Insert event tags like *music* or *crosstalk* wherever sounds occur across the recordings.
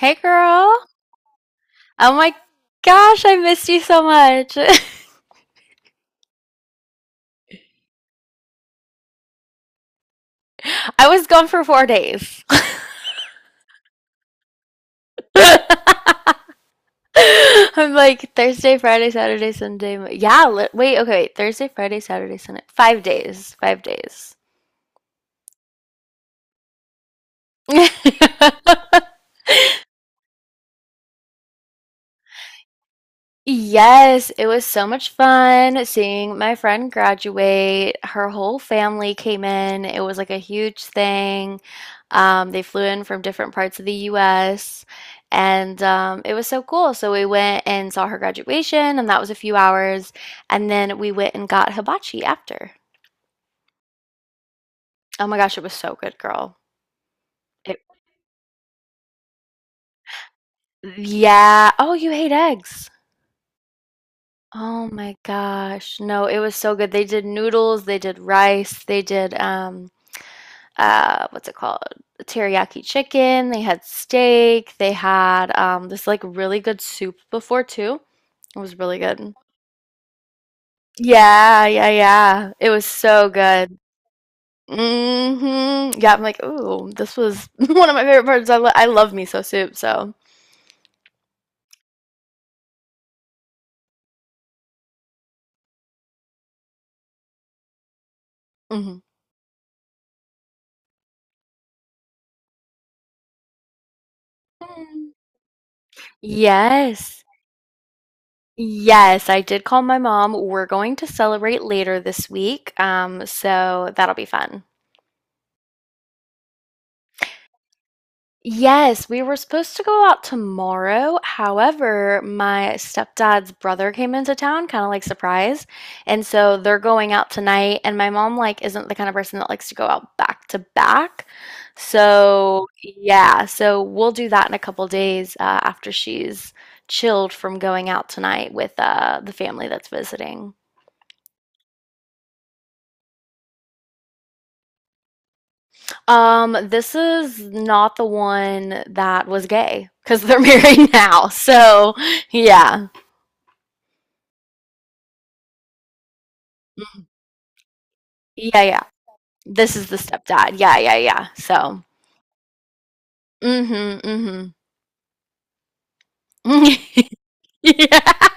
Hey girl. Oh my gosh, I missed you so much. *laughs* I was gone for 4 days. *laughs* I'm like Thursday, Friday, Saturday, Sunday. Wait, okay, wait. Thursday, Friday, Saturday, Sunday. 5 days. 5 days. *laughs* Yes, it was so much fun seeing my friend graduate. Her whole family came in. It was like a huge thing. They flew in from different parts of the US, and it was so cool. So we went and saw her graduation, and that was a few hours. And then we went and got hibachi after. Oh my gosh, it was so good, girl. It, yeah. Oh, you hate eggs. Oh my gosh. No, it was so good. They did noodles, they did rice, they did what's it called? Teriyaki chicken. They had steak. They had this like really good soup before too. It was really good. Yeah, yeah, yeah. It was so good. Hmm Yeah, I'm like, ooh, this was *laughs* one of my favorite parts. I love miso soup, so. Mhm. Mm. Yes. Yes, I did call my mom. We're going to celebrate later this week, so that'll be fun. Yes, we were supposed to go out tomorrow. However, my stepdad's brother came into town, kind of like surprise. And so they're going out tonight, and my mom like isn't the kind of person that likes to go out back to back. So, yeah, so we'll do that in a couple days after she's chilled from going out tonight with the family that's visiting. This is not the one that was gay because they're *laughs* married now. So, yeah. Yeah, yeah. This is the stepdad. Yeah, yeah, yeah. So, mhm, mhm. *laughs* Yeah.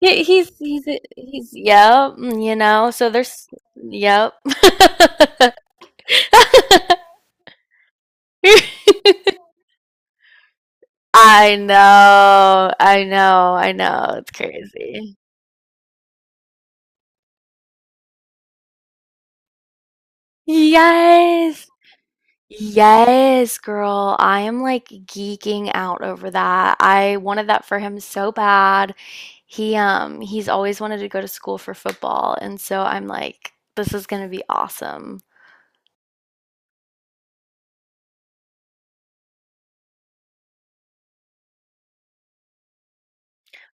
He, he's yep, mm, you know. So there's yep. *laughs* I know. I know. I know. It's crazy. Yes. Yes, girl. I am like geeking out over that. I wanted that for him so bad. He's always wanted to go to school for football, and so I'm like, this is gonna be awesome.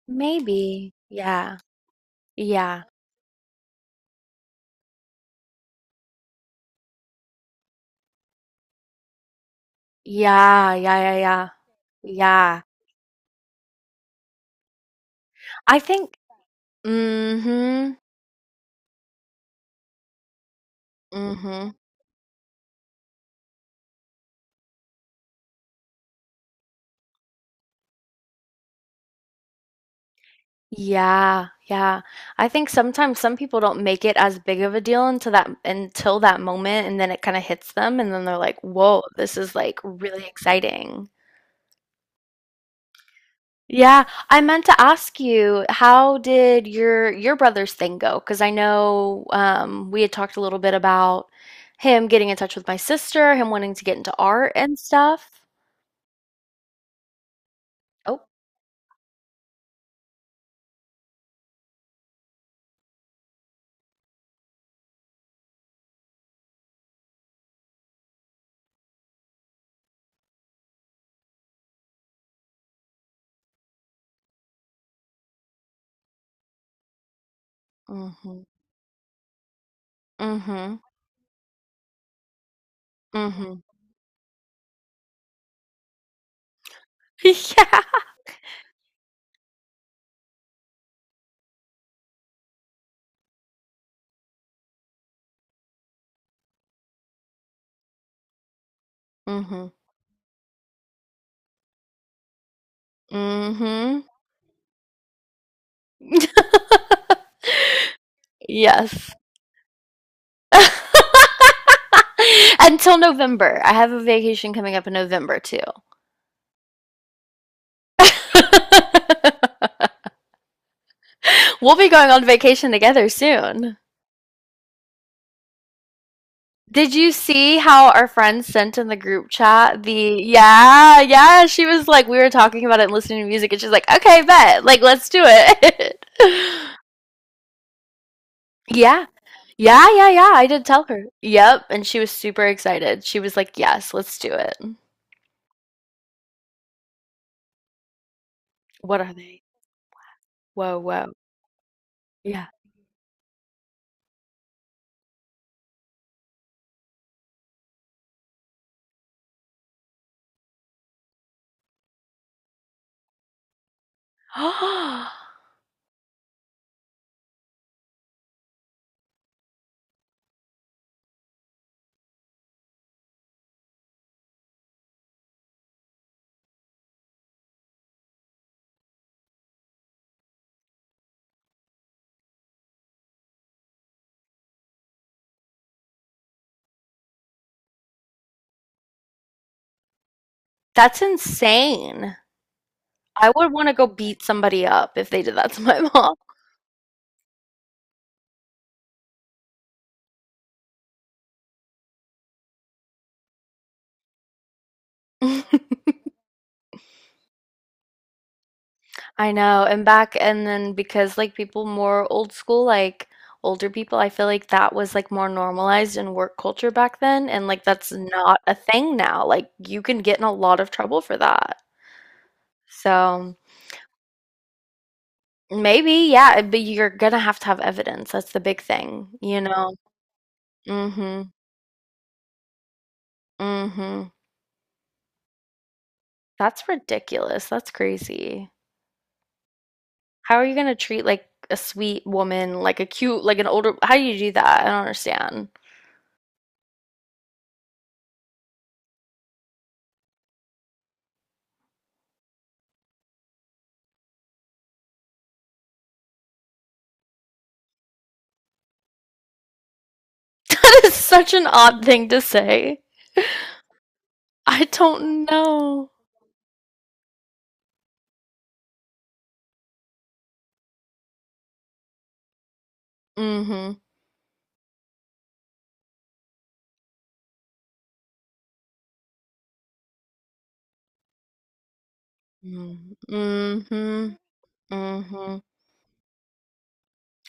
Maybe. Yeah. Yeah. Yeah. Yeah. Yeah. Yeah. Yeah. I think. Mm-hmm. Mm-hmm. Yeah, yeah. I think sometimes some people don't make it as big of a deal until that moment, and then it kind of hits them, and then they're like, "Whoa, this is like really exciting." Yeah, I meant to ask you, how did your brother's thing go? Because I know we had talked a little bit about him getting in touch with my sister, him wanting to get into art and stuff. Oh, mm-hmm, mm-hmm, mm-hmm. *laughs* Yeah. Mm-hmm. Mm-hmm. *laughs* Yes. *laughs* Until November. I have a vacation coming up in November too. *laughs* We'll be going on vacation together soon. Did you see how our friend sent in the group chat the yeah, yeah, she was like we were talking about it and listening to music and she's like, "Okay, bet. Like let's do it." *laughs* Yeah. Yeah, yeah, yeah. I did tell her. Yep, and she was super excited. She was like, "Yes, let's do it." What are they? Whoa, whoa. Yeah. *gasps* That's insane. I would want to go beat somebody up if they did that to my mom. *laughs* I know. And then because like people more old school, like older people, I feel like that was like more normalized in work culture back then. And like that's not a thing now. Like you can get in a lot of trouble for that. So maybe, yeah, but you're gonna have to have evidence. That's the big thing, you know? Mm-hmm. Mm-hmm. That's ridiculous. That's crazy. How are you gonna treat like a sweet woman, like a cute, like an older? How do you do that? I don't understand. *laughs* That is such an odd thing to say. I don't know. Mm-hmm. Mm-hmm. Mm-hmm.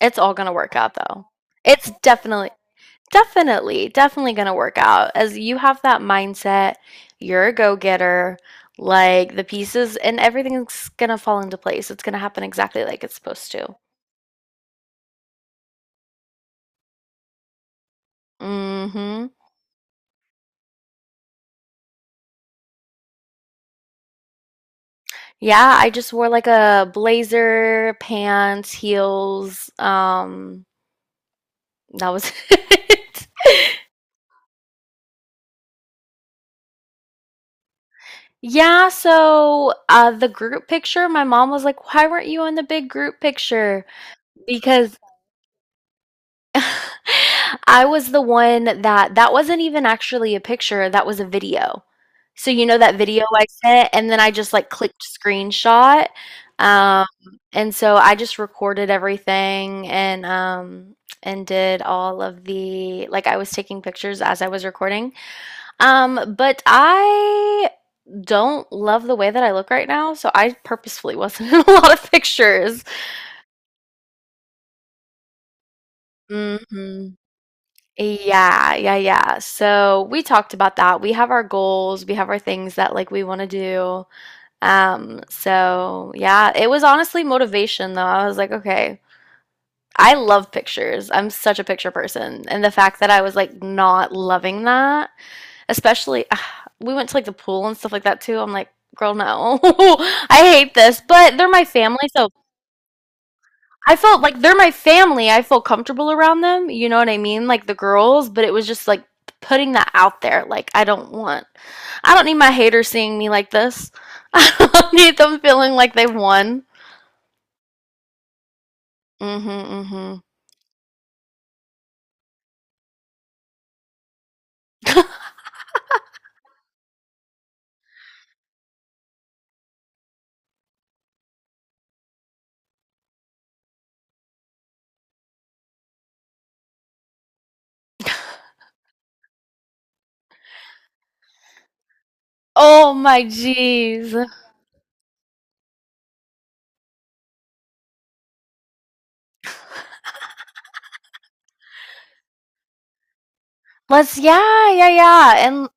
It's all gonna work out though. It's definitely gonna work out. As you have that mindset, you're a go-getter, like the pieces and everything's gonna fall into place. It's gonna happen exactly like it's supposed to. Mm-hmm. Yeah, I just wore like a blazer, pants, heels. That was *laughs* it. Yeah, so the group picture, my mom was like, "Why weren't you in the big group picture?" Because *laughs* I was the one that wasn't even actually a picture, that was a video. So you know that video I sent, and then I just like clicked screenshot. Um, and so I just recorded everything and did all of the like I was taking pictures as I was recording. But I don't love the way that I look right now, so I purposefully wasn't *laughs* in a lot of pictures. Hmm Yeah, yeah, yeah. So we talked about that. We have our goals, we have our things that like we want to do. So yeah, it was honestly motivation though. I was like, okay, I love pictures. I'm such a picture person. And the fact that I was like not loving that, especially we went to like the pool and stuff like that too. I'm like, girl, no. *laughs* I hate this, but they're my family, so I felt like they're my family. I feel comfortable around them. You know what I mean? Like the girls, but it was just like putting that out there. I don't need my haters seeing me like this. *laughs* I don't need them feeling like they won. Mhm, mhm. Oh my jeez. Let's yeah, yeah, yeah. And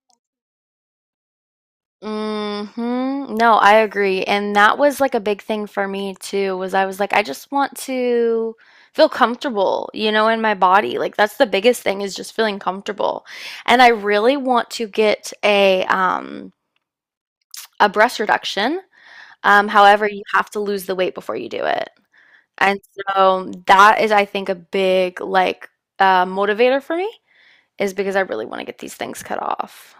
mhm. No, I agree. And that was like a big thing for me too, was I was like, I just want to feel comfortable, you know, in my body. Like that's the biggest thing is just feeling comfortable. And I really want to get a breast reduction. However, you have to lose the weight before you do it. And so that is, I think, a big like motivator for me, is because I really want to get these things cut off.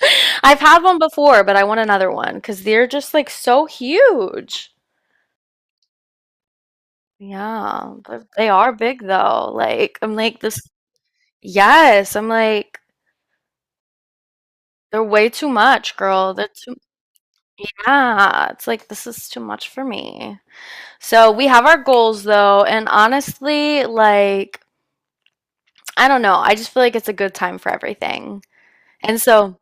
*laughs* I've had one before, but I want another one because they're just like so huge. Yeah, they are big though. Like, I'm like, this, yes, I'm like, they're way too much, girl. They're too, yeah, it's like, this is too much for me. So, we have our goals though, and honestly, like, I don't know, I just feel like it's a good time for everything. And so,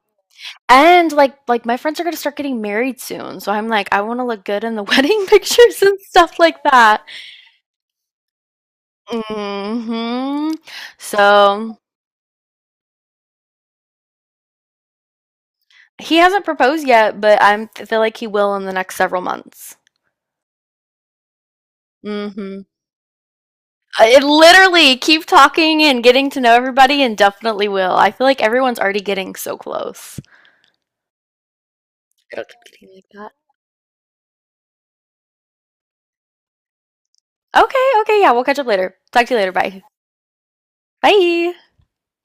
and, like, my friends are gonna start getting married soon, so I'm like, I wanna look good in the *laughs* wedding pictures and stuff like that. Mhm. So, he hasn't proposed yet, but I feel like he will in the next several months. Mm. Mhm. It literally, keep talking and getting to know everybody and definitely will. I feel like everyone's already getting so close. It'll keep getting like that. Okay, okay, yeah, we'll catch up later. Talk to you later, bye. Bye.